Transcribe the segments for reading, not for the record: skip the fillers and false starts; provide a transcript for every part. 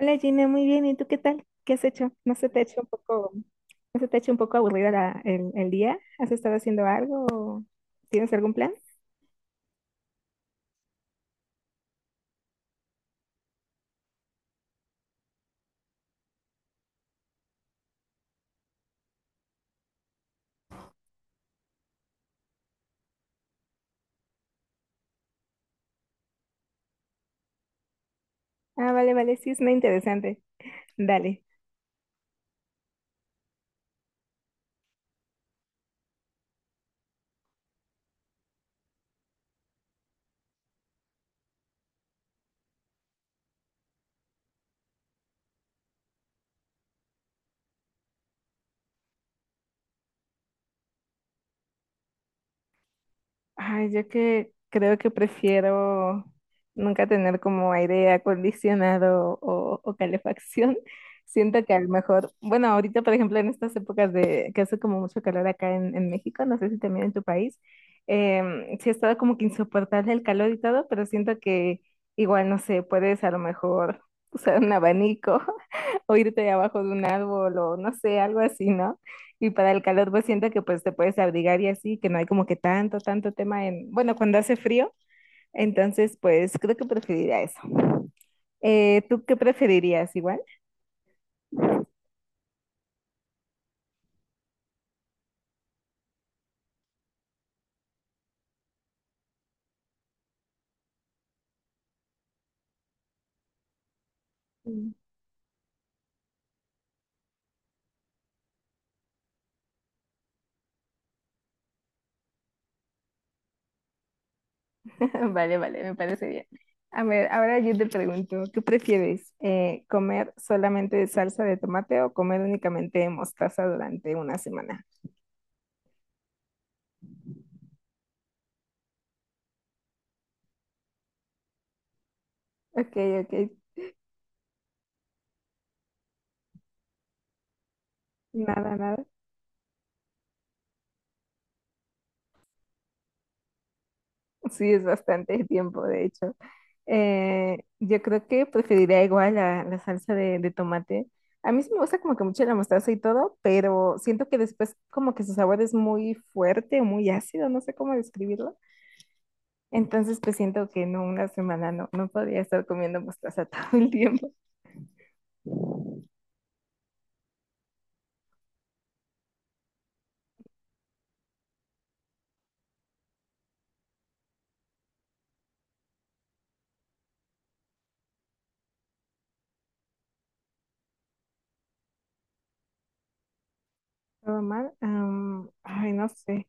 Hola Gina, muy bien. ¿Y tú qué tal? ¿Qué has hecho? ¿No se te ha hecho un poco, no se te ha hecho un poco aburrida el día? ¿Has estado haciendo algo? ¿O tienes algún plan? Ah, vale, vale, sí, es muy interesante. Dale. Ay, yo que creo que prefiero nunca tener como aire acondicionado o calefacción. Siento que a lo mejor, bueno, ahorita por ejemplo en estas épocas de que hace como mucho calor acá en México, no sé si también en tu país, sí ha estado como que insoportable el calor y todo, pero siento que igual, no sé, puedes a lo mejor usar un abanico o irte abajo de un árbol o no sé, algo así, ¿no? Y para el calor, pues siento que pues te puedes abrigar y así, que no hay como que tanto tema en, bueno, cuando hace frío, entonces pues creo que preferiría eso. ¿Tú qué preferirías igual? Mm. Vale, vale, me parece bien. A ver, ahora yo te pregunto, ¿qué prefieres? ¿Comer solamente de salsa de tomate o comer únicamente de mostaza durante una semana? Ok, ok, nada, nada. Sí, es bastante tiempo, de hecho. Yo creo que preferiría igual la salsa de tomate. A mí sí me gusta como que mucho la mostaza y todo, pero siento que después como que su sabor es muy fuerte, muy ácido, no sé cómo describirlo. Entonces, pues siento que no, una semana no, no podía estar comiendo mostaza todo el tiempo. Todo mal. Ay, no sé.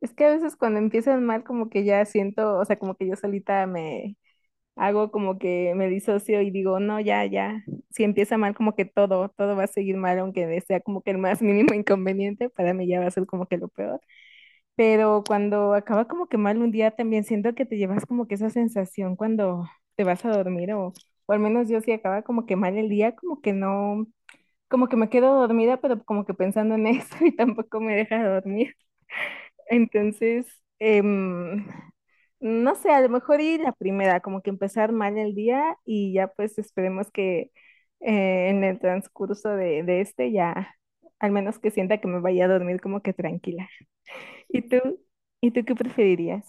Es que a veces cuando empiezan mal, como que ya siento, o sea, como que yo solita me hago como que me disocio y digo, no, ya, ya. Si empieza mal, como que todo va a seguir mal, aunque sea como que el más mínimo inconveniente, para mí ya va a ser como que lo peor. Pero cuando acaba como que mal un día, también siento que te llevas como que esa sensación cuando te vas a dormir o al menos yo si acaba como que mal el día, como que no, como que me quedo dormida, pero como que pensando en eso y tampoco me deja dormir. Entonces, em, no sé, a lo mejor ir la primera, como que empezar mal el día y ya pues esperemos que en el transcurso de este ya, al menos que sienta que me vaya a dormir como que tranquila. ¿Y tú? ¿Y tú qué preferirías?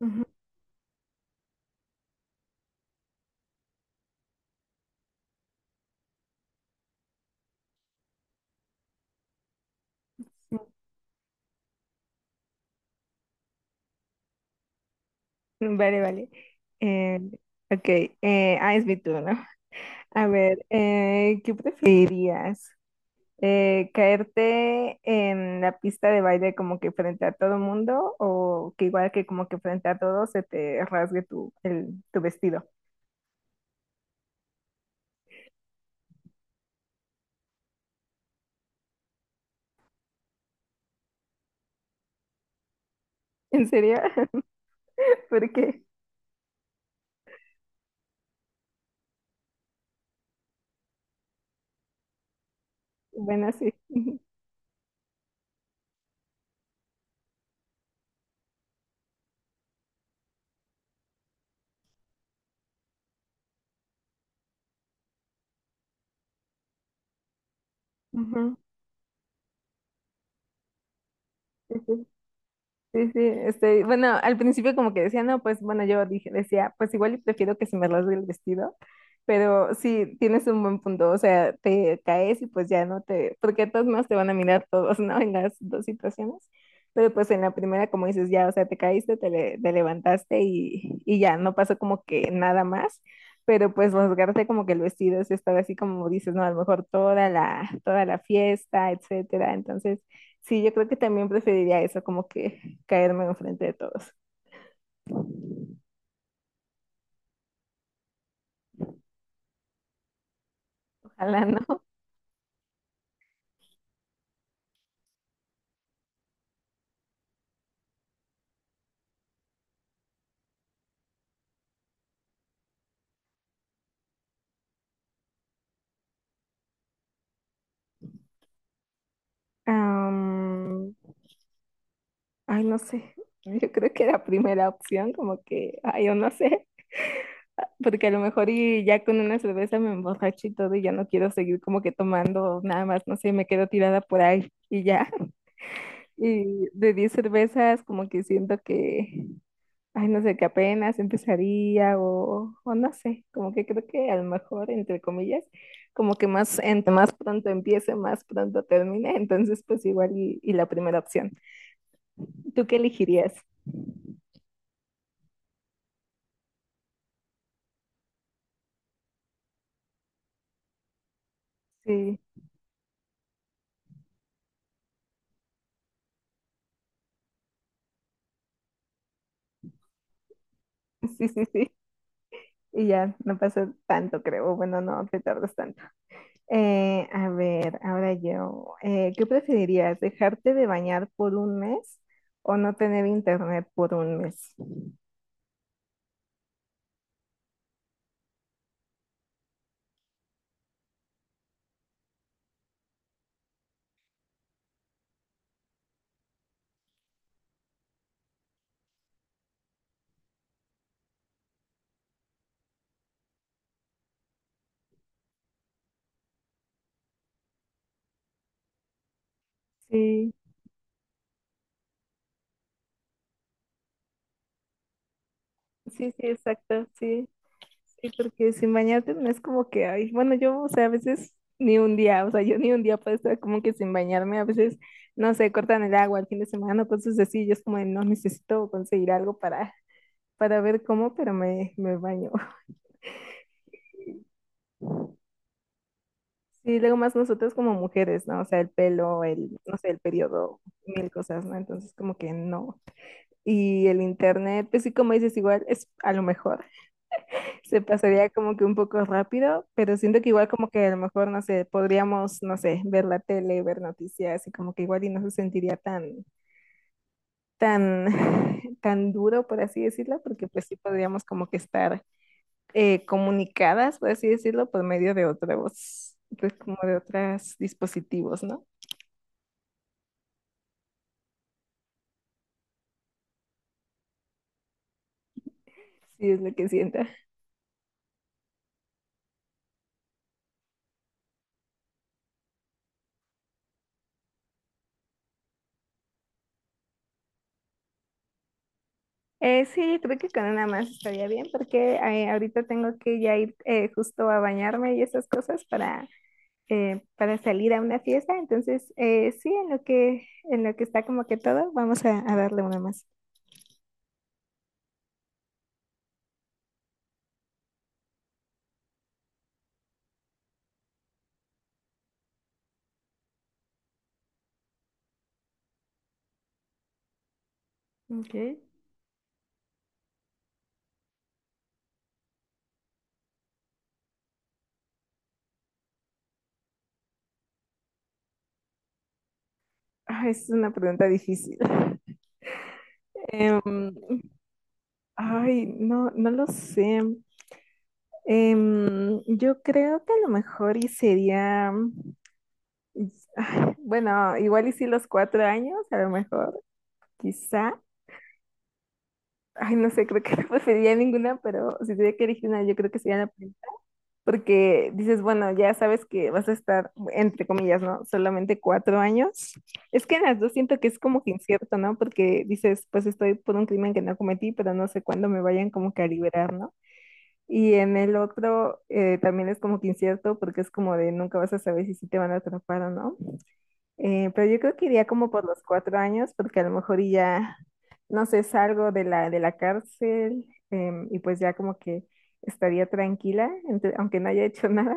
Ujú. Vale, vale. Eh, ok, es mi turno. A ver, ¿qué preferirías? ¿Caerte en la pista de baile como que frente a todo mundo o que igual que como que frente a todos se te rasgue tu vestido? ¿En serio? Porque, bueno, sí. Ujú. Sí, sí, este, bueno, al principio como que decía, no, pues bueno, yo dije, decía, pues igual y prefiero que se me rasgue el vestido, pero sí, tienes un buen punto, o sea, te caes y pues ya no te, porque de todos modos te van a mirar todos, ¿no? En las dos situaciones, pero pues en la primera, como dices, ya, o sea, te caíste, te levantaste y ya, no pasó como que nada más, pero pues rasgarte como que el vestido es estar así como dices, no, a lo mejor toda la fiesta, etcétera, entonces... Sí, yo creo que también preferiría eso, como que caerme enfrente de todos. Ojalá no. Am, Ay, no sé. Yo creo que la primera opción, como que, ay, yo no sé. Porque a lo mejor y ya con una cerveza me emborracho y todo y ya no quiero seguir como que tomando nada más, no sé, me quedo tirada por ahí y ya. Y de 10 cervezas como que siento que ay, no sé, que apenas empezaría o no sé, como que creo que a lo mejor, entre comillas, como que más, entre más pronto empiece, más pronto termine, entonces pues igual y la primera opción. ¿Tú qué elegirías? Sí, sí, sí, sí. Y ya, no pasa tanto, creo. Bueno, no te tardas tanto. A ver, ahora yo, ¿qué preferirías? ¿Dejarte de bañar por un mes o no tener internet por un mes? Sí, sí, sí, exacto, sí. Sí, porque sin bañarte no es como que, ay, bueno, yo, o sea, a veces ni un día, o sea, yo ni un día puedo estar como que sin bañarme, a veces, no sé, cortan el agua el fin de semana, cosas así, yo es como de, no necesito conseguir algo para ver cómo, pero me baño. Sí, luego más nosotros como mujeres, ¿no? O sea, el pelo, el, no sé, el periodo, mil cosas, ¿no? Entonces como que no. Y el internet, pues sí, como dices, igual es a lo mejor. Se pasaría como que un poco rápido, pero siento que igual como que a lo mejor, no sé, podríamos, no sé, ver la tele, ver noticias y como que igual y no se sentiría tan, tan duro, por así decirlo, porque pues sí podríamos como que estar comunicadas, por así decirlo, por medio de otros, pues como de otros dispositivos, ¿no? Sí, es lo que siento. Sí, creo que con una más estaría bien porque ahorita tengo que ya ir justo a bañarme y esas cosas para salir a una fiesta. Entonces, sí, en lo que está como que todo, vamos a darle una más. Ok. Ah, es una pregunta difícil. Em, ay, no, no lo sé. Yo creo que a lo mejor y sería, ay, bueno, igual y sí los 4 años, a lo mejor, quizá. Ay, no sé, creo que no preferiría ninguna, pero si tuviera que elegir una, yo creo que sería la primera. Porque dices, bueno, ya sabes que vas a estar, entre comillas, ¿no? Solamente 4 años. Es que en las dos siento que es como que incierto, ¿no? Porque dices, pues estoy por un crimen que no cometí, pero no sé cuándo me vayan como que a liberar, ¿no? Y en el otro también es como que incierto porque es como de nunca vas a saber si sí te van a atrapar o no. Pero yo creo que iría como por los 4 años porque a lo mejor y ya, no sé, salgo de la cárcel y pues ya como que estaría tranquila, entre- aunque no haya hecho nada.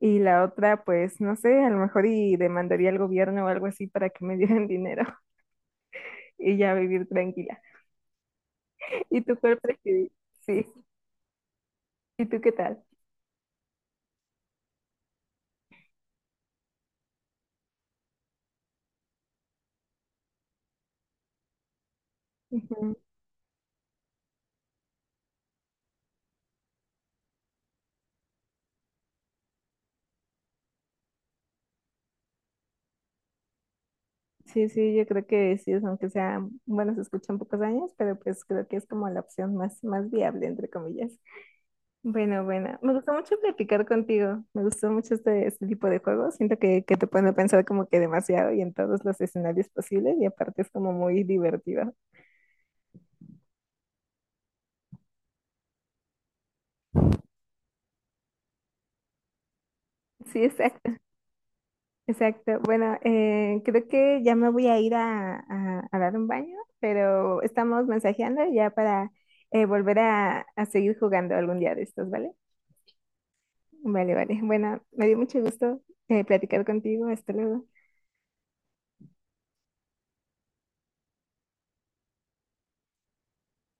Y la otra, pues no sé, a lo mejor y demandaría al gobierno o algo así para que me dieran dinero y ya vivir tranquila. ¿Y tú cuál prefieres? Sí, ¿y tú qué tal? Ujú. Sí, sí, yo creo que sí, es aunque sea, bueno, se escuchan pocos años, pero pues creo que es como la opción más, más viable, entre comillas. Bueno, bueno, me gustó mucho platicar contigo, me gustó mucho este, este tipo de juegos, siento que te pone a pensar como que demasiado y en todos los escenarios posibles y aparte es como muy divertido. Sí, exacto. Exacto. Bueno, creo que ya me voy a ir a, a dar un baño, pero estamos mensajeando ya para volver a seguir jugando algún día de estos, ¿vale? Vale, vale. Bueno, me dio mucho gusto platicar contigo. Hasta luego.